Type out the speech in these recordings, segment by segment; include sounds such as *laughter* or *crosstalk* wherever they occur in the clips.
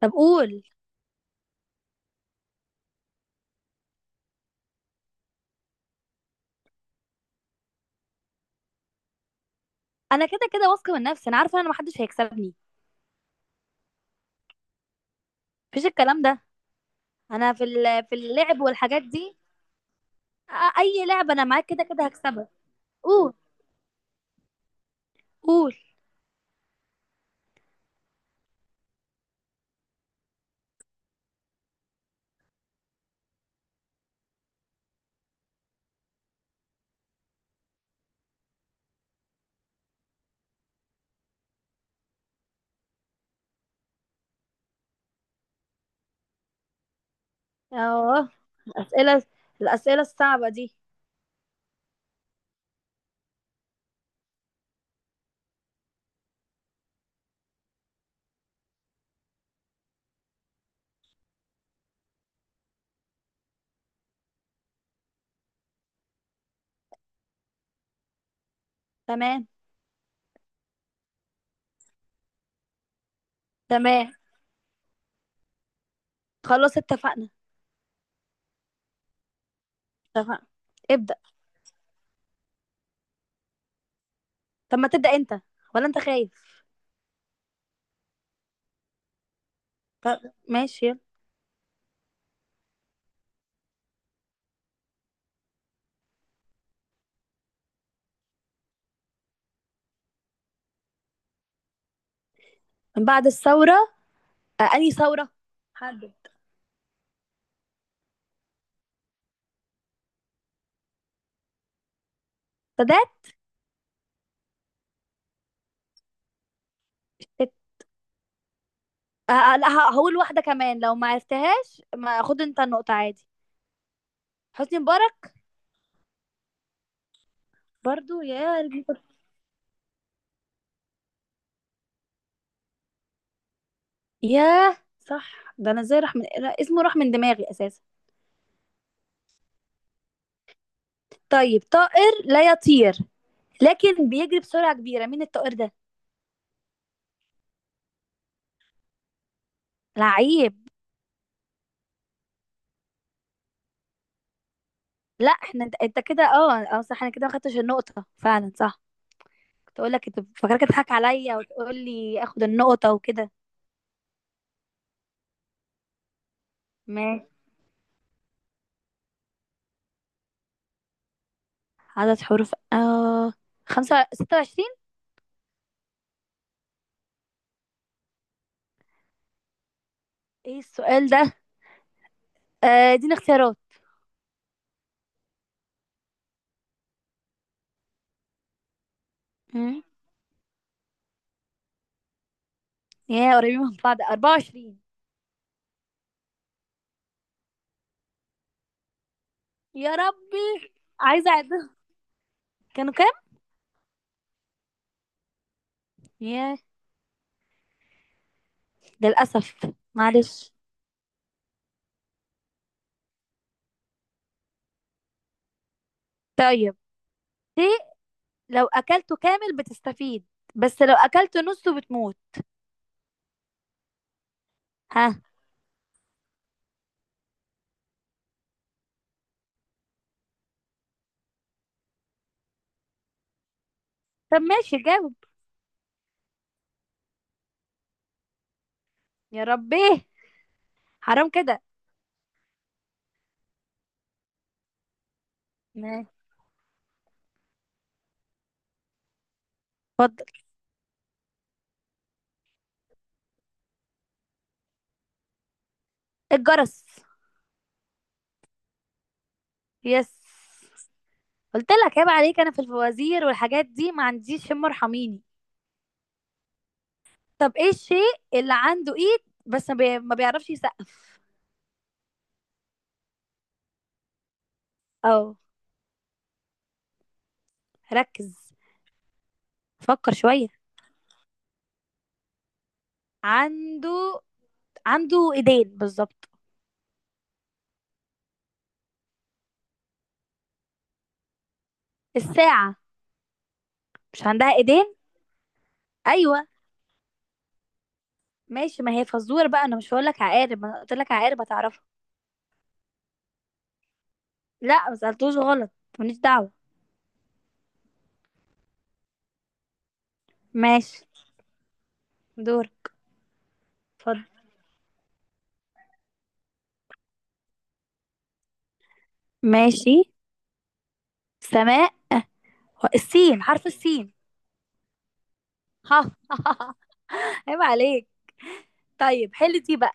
طب قول. انا كده كده واثقه من نفسي، انا عارفه ان انا محدش هيكسبني. مفيش الكلام ده. انا في اللعب والحاجات دي. اي لعبه انا معاك كده كده هكسبها. قول. قول. اه، اسئله، الاسئله الصعبه دي. تمام. تمام، خلاص اتفقنا. اتفقنا. ابدا. طب ما تبدا انت، ولا انت خايف؟ طب ماشي يلا. من بعد الثوره؟ انهي ثوره؟ حدد. سادات. الشت- لا، هقول واحده كمان، لو ما عرفتهاش ما خد انت النقطه عادي. حسني مبارك. برضو يا قلبي. ياه صح، ده انا ازاي راح من، لا، اسمه راح من دماغي اساسا. طيب، طائر لا يطير لكن بيجري بسرعة كبيرة، مين الطائر ده؟ لعيب. لا، احنا انت، انت كده، اه اه صح، انا كده ما خدتش النقطة فعلا، صح. كنت اقول لك، انت فاكرك تضحك عليا وتقول لي اخد النقطة وكده. ماشي. عدد حروف، اه، خمسة، ستة وعشرين. ايه السؤال ده؟ آه اديني اختيارات. مم. يا قريبين من بعض، 24. يا ربي، عايزة اعدهم. كانوا كام؟ يا للأسف. معلش. طيب، ليه؟ لو أكلته كامل بتستفيد، بس لو أكلته نصه بتموت. ها. طب ماشي، جاوب. يا ربي، حرام كده. ماشي. اتفضل. الجرس. يس. قلت لك عيب عليك، أنا في الفوازير والحاجات دي ما عنديش شم، ارحميني. طب ايه الشيء اللي عنده ايد، بس ما بي- ما بيعرفش يسقف؟ اه. ركز. فكر شوية. عنده عنده ايدين بالظبط. الساعة مش عندها ايدين؟ ايوه ماشي، ما هي فزوره بقى، انا مش هقول لك عقارب، ما قلت لك عقارب هتعرفها. لا، ما سالتوش غلط. ماليش دعوه. ماشي. دور. اتفضل. ماشي، سماء، السين، حرف السين. ها. *laughs* عيب عليك. طيب، حل دي بقى.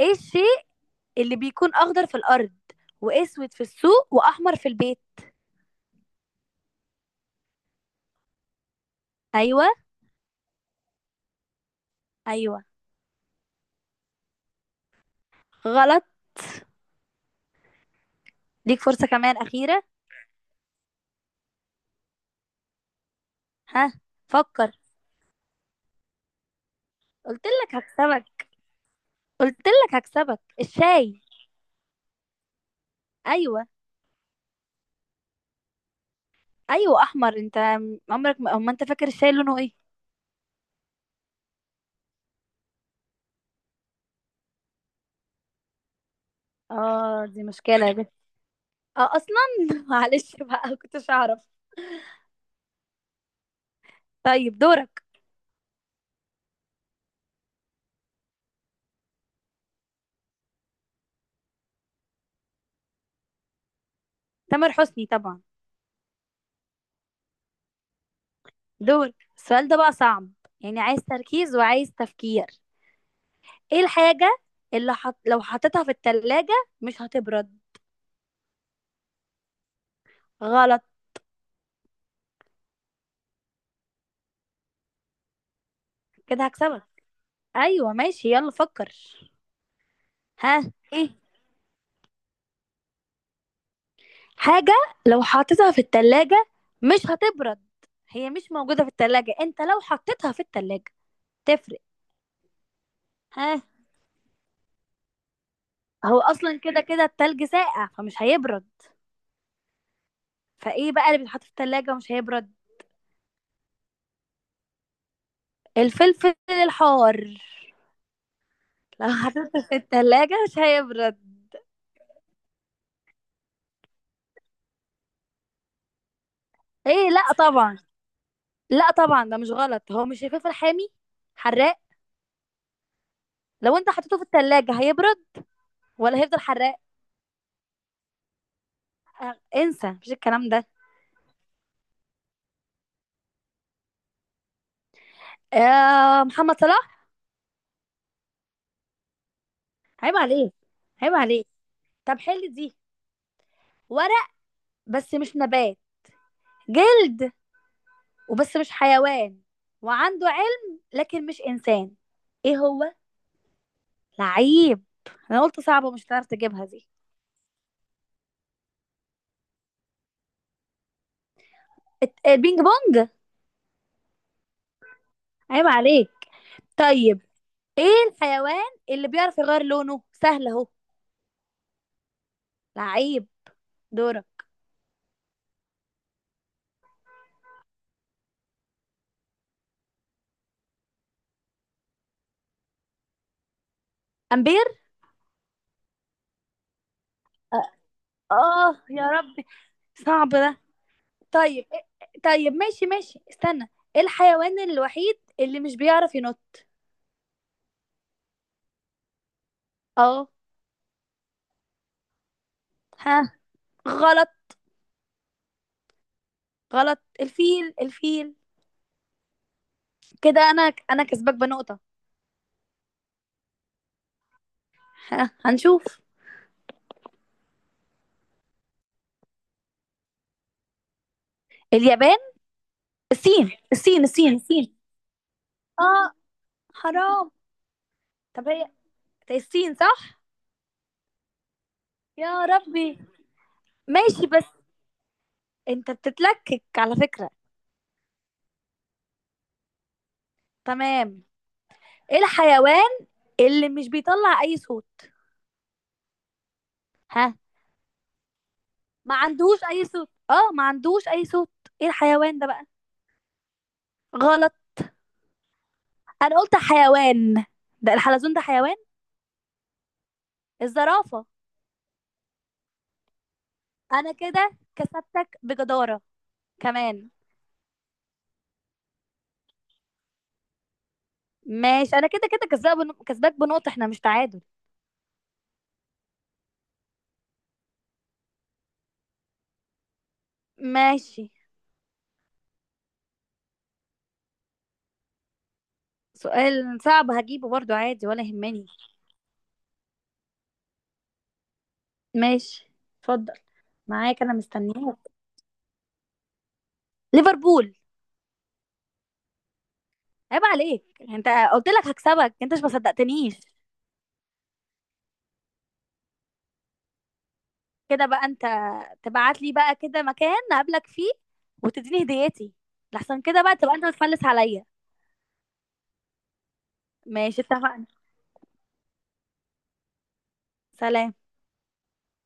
ايه الشيء اللي بيكون اخضر في الارض، واسود في السوق، واحمر في البيت؟ ايوه. ايوه. غلط. ليك فرصه كمان اخيره. ها، فكر. قلت لك هكسبك. قلت لك هكسبك. الشاي. ايوه. ايوه، احمر. انت عمرك ما، أما انت فاكر الشاي لونه ايه؟ اه دي مشكله يا بنت. اه اصلا. *laughs* معلش بقى، كنتش اعرف. طيب دورك. تامر حسني طبعا. دورك، السؤال ده بقى صعب، يعني عايز تركيز وعايز تفكير. ايه الحاجه اللي لو حطيتها في التلاجة مش هتبرد؟ غلط. كده هكسبك. ايوه ماشي يلا فكر. ها، ايه، حاجه لو حطيتها في التلاجة مش هتبرد. هي مش موجوده في التلاجة، انت لو حطيتها في التلاجة تفرق. ها، هو اصلا كده كده التلج ساقع، فمش هيبرد. فايه بقى اللي بيتحط في التلاجة ومش هيبرد؟ الفلفل الحار، لو حطيته في التلاجة مش هيبرد. ايه لا طبعا. لا طبعا، ده مش غلط. هو مش الفلفل حامي، حراق، لو انت حطيته في التلاجة هيبرد ولا هيفضل حراق؟ انسى مفيش الكلام ده. محمد صلاح. عيب عليك. عيب عليك. طب حل دي. ورق بس مش نبات، جلد وبس مش حيوان، وعنده علم لكن مش إنسان. إيه هو؟ لعيب. أنا قلت صعبة، مش هتعرف تجيبها دي. البينج بونج. عيب عليك. طيب، إيه الحيوان اللي بيعرف يغير لونه؟ سهل أهو. لعيب. دورك. أمبير. آه. يا ربي، صعب ده. طيب طيب ماشي ماشي استنى. إيه الحيوان الوحيد اللي مش بيعرف ينط؟ اه. ها، غلط. غلط، الفيل، الفيل. كده انا، انا كسبك بنقطة. هنشوف. اليابان. الصين، الصين، الصين، الصين. اه. حرام. طب هي، طب الصين صح؟ يا ربي. ماشي بس انت بتتلكك على فكرة. تمام. ايه الحيوان اللي مش بيطلع اي صوت؟ ها. ما عندوش اي صوت، اه ما عندوش اي صوت، ايه الحيوان ده بقى؟ غلط. انا قلت حيوان، ده الحلزون ده حيوان. الزرافة. انا كده كسبتك بجدارة. كمان. ماشي، انا كده كده كسبان، كسباك بنقطة، احنا مش تعادل. ماشي. سؤال صعب هجيبه برضو عادي ولا يهمني. ماشي. اتفضل، معاك، انا مستنياك. ليفربول. عيب عليك انت، قلت لك هكسبك، انت مش ما صدقتنيش. كده بقى انت تبعت لي بقى كده مكان نقابلك فيه وتديني هديتي، لحسن كده بقى تبقى انت بتفلس عليا. ماشي اتفقنا. سلام.